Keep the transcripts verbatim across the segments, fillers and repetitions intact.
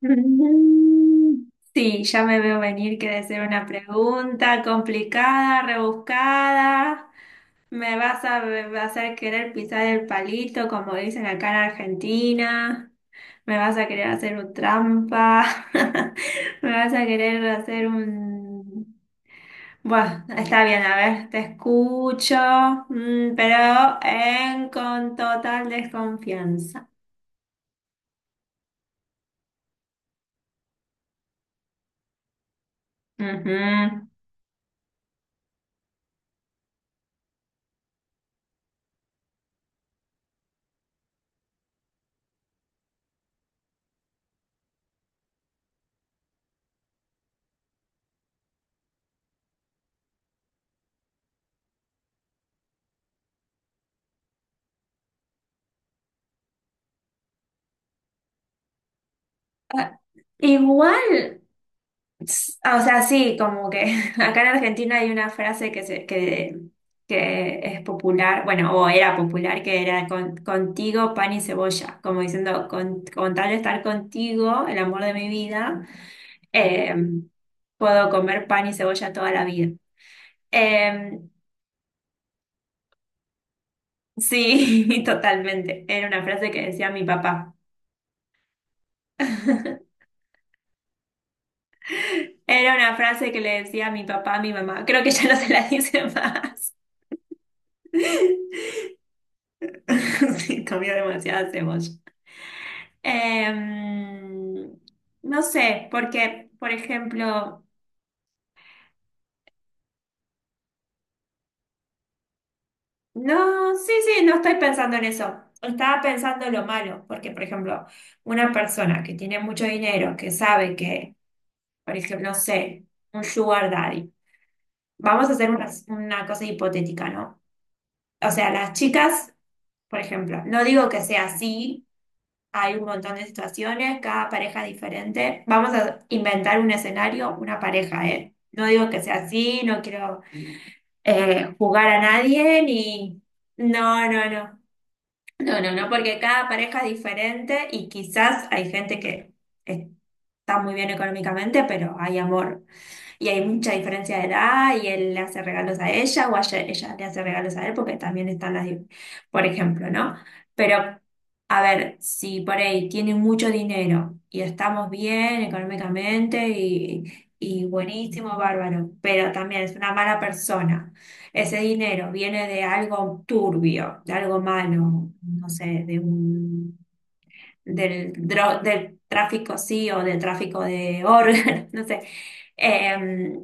Mm, Sí, ya me veo venir que de ser una pregunta complicada, rebuscada. Me vas a, me vas a hacer querer pisar el palito, como dicen acá en Argentina. Me vas a querer hacer un trampa. Me vas a querer hacer un... Bueno, está bien, a ver, te escucho. Mm, pero en, con total desconfianza. Ujú. Ah, igual. ah, O sea, sí, como que acá en Argentina hay una frase que, se, que, que es popular, bueno, o era popular, que era con- contigo pan y cebolla, como diciendo, con, con tal de estar contigo, el amor de mi vida, eh, puedo comer pan y cebolla toda la vida. Eh, sí, totalmente. Era una frase que decía mi papá. Era una frase que le decía a mi papá, a mi mamá. Creo que ya no se la dice más. Sí, comió demasiada cebolla. Em, no sé, porque, por ejemplo, no, sí, sí, no estoy pensando en eso. Estaba pensando lo malo, porque, por ejemplo, una persona que tiene mucho dinero, que sabe que, por ejemplo, no sé, un sugar daddy. Vamos a hacer una, una cosa hipotética, ¿no? O sea, las chicas, por ejemplo, no digo que sea así. Hay un montón de situaciones, cada pareja es diferente. Vamos a inventar un escenario, una pareja, ¿eh? No digo que sea así, no quiero eh, jugar a nadie, ni... No, no, no. No, no, no, porque cada pareja es diferente y quizás hay gente que está muy bien económicamente, pero hay amor. Y hay mucha diferencia de edad y él le hace regalos a ella o a ella, ella le hace regalos a él porque también están las, di- por ejemplo, ¿no? Pero, a ver, si por ahí tiene mucho dinero y estamos bien económicamente y, y buenísimo, bárbaro, pero también es una mala persona, ese dinero viene de algo turbio, de algo malo, no sé, de un, del, dro- del tráfico sí o del tráfico de órganos, no sé. Em,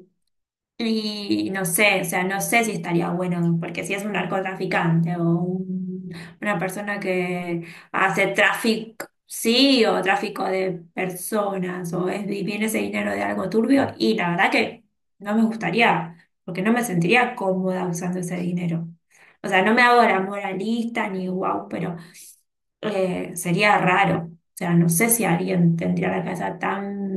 y no sé, o sea, no sé si estaría bueno, porque si es un narcotraficante o un- una persona que hace tráfico, sí, o tráfico de personas, o es, y viene ese dinero de algo turbio, y la verdad que no me gustaría, porque no me sentiría cómoda usando ese dinero. O sea, no me hago la moralista ni guau, pero eh, sería raro. O sea, no sé si alguien tendría la cabeza tan...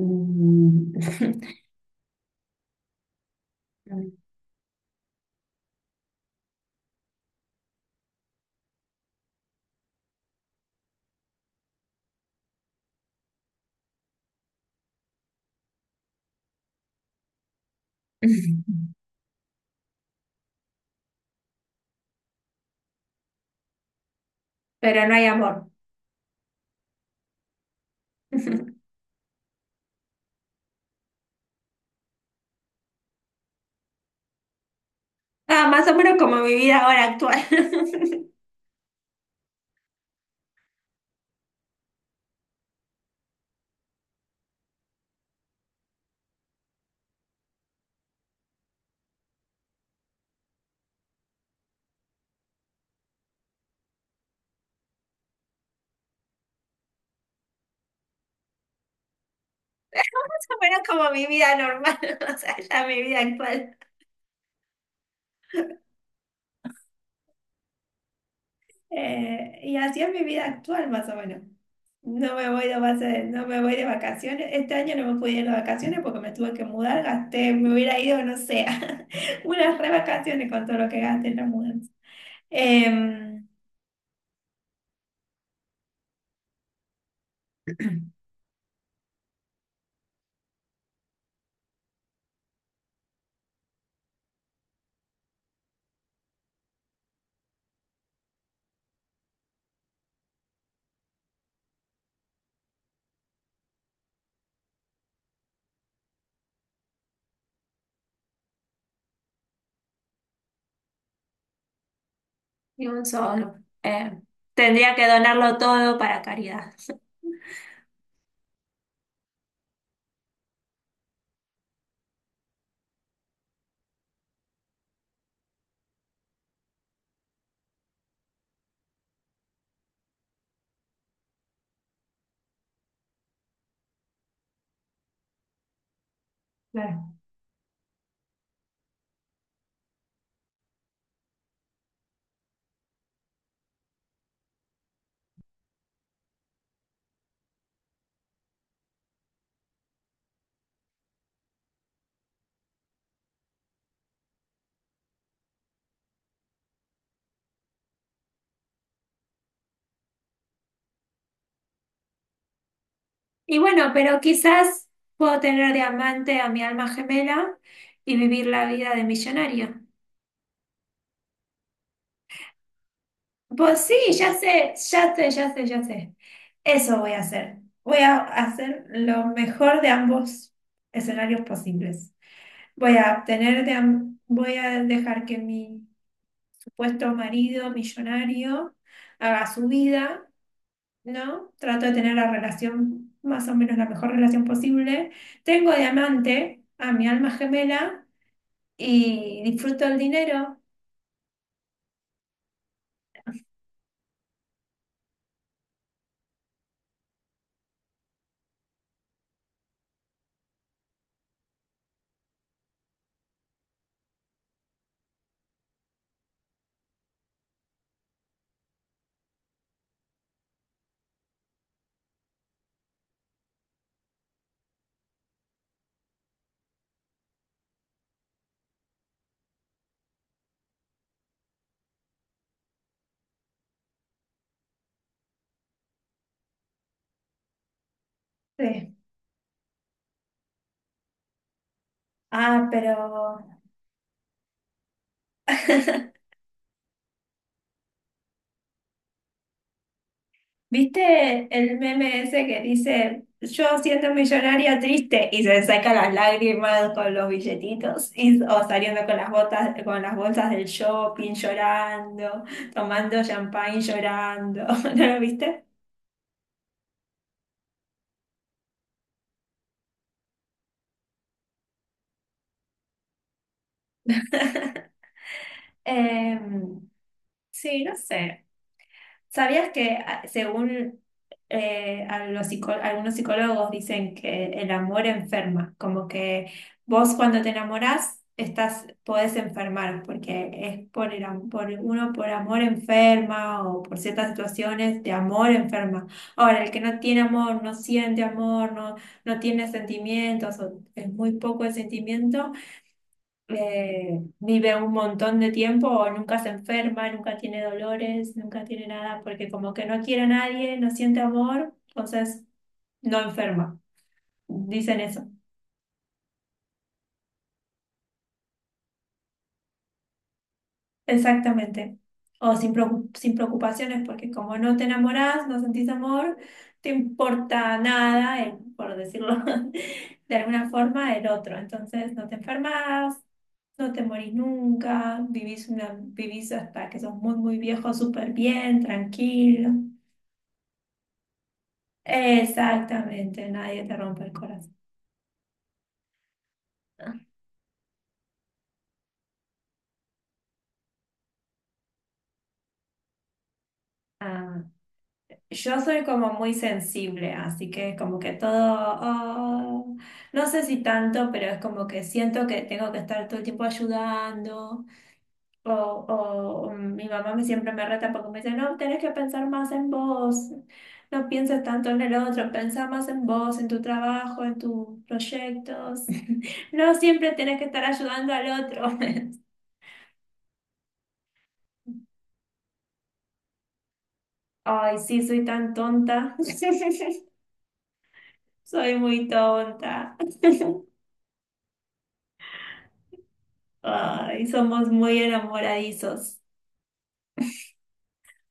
Pero no hay amor. Ah, más o menos como mi vida ahora actual. Más o menos como mi vida normal, o sea, ya mi vida actual. Eh, y así es mi vida actual, más o menos. No me voy de base- No me voy de vacaciones. Este año no me pude ir de vacaciones porque me tuve que mudar, gasté, me hubiera ido, no sé, unas re vacaciones con todo lo que gasté en la mudanza. Em, y un solo. Eh, Tendría que donarlo todo para caridad. Claro. Y bueno, pero quizás puedo tener de amante a mi alma gemela y vivir la vida de millonaria. Pues sí, ya sé, ya sé, ya sé, ya sé. Eso voy a hacer. Voy a hacer lo mejor de ambos escenarios posibles. Voy a tener de, am- voy a dejar que mi supuesto marido millonario haga su vida, ¿no? Trato de tener la relación, más o menos la mejor relación posible. Tengo de amante a mi alma gemela y disfruto el dinero. Sí. Ah, pero ¿viste el meme ese que dice yo siendo millonaria triste y se saca las lágrimas con los billetitos y, o saliendo con las botas, con las bolsas del shopping llorando, tomando champagne llorando? ¿No lo viste? Em, sí, no sé. ¿Sabías que a- según eh, a los psico- algunos psicólogos dicen que el amor enferma? Como que vos cuando te enamorás estás, podés enfermar, porque es por el, am- por uno por amor enferma o por ciertas situaciones de amor enferma. Ahora, el que no tiene amor, no siente amor, no, no tiene sentimientos, o es muy poco el sentimiento eh, vive un montón de tiempo o nunca se enferma, nunca tiene dolores, nunca tiene nada, porque como que no quiere a nadie, no siente amor, entonces no enferma. Dicen eso. Exactamente. O sin preocu- sin preocupaciones, porque como no te enamorás, no sentís amor, te importa nada, el- por decirlo de alguna forma, el otro. Entonces no te enfermas, no te morís nunca, vivís, una, vivís hasta que sos muy, muy viejo, súper bien, tranquilo. Exactamente, nadie te rompe el corazón. Ah, yo soy como muy sensible, así que es como que todo, oh, no sé si tanto, pero es como que siento que tengo que estar todo el tiempo ayudando, o, o mi mamá me siempre me reta porque me dice, no, tenés que pensar más en vos, no pienses tanto en el otro, pensá más en vos, en tu trabajo, en tus proyectos, no siempre tenés que estar ayudando al otro. Ay, sí, soy tan tonta, soy muy tonta. Ay, somos muy enamoradizos,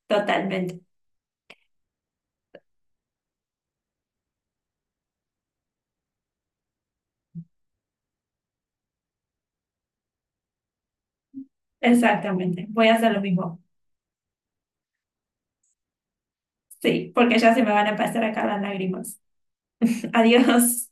totalmente. Exactamente, voy a hacer lo mismo. Sí, porque ya se me van a pasar acá las lágrimas. Adiós.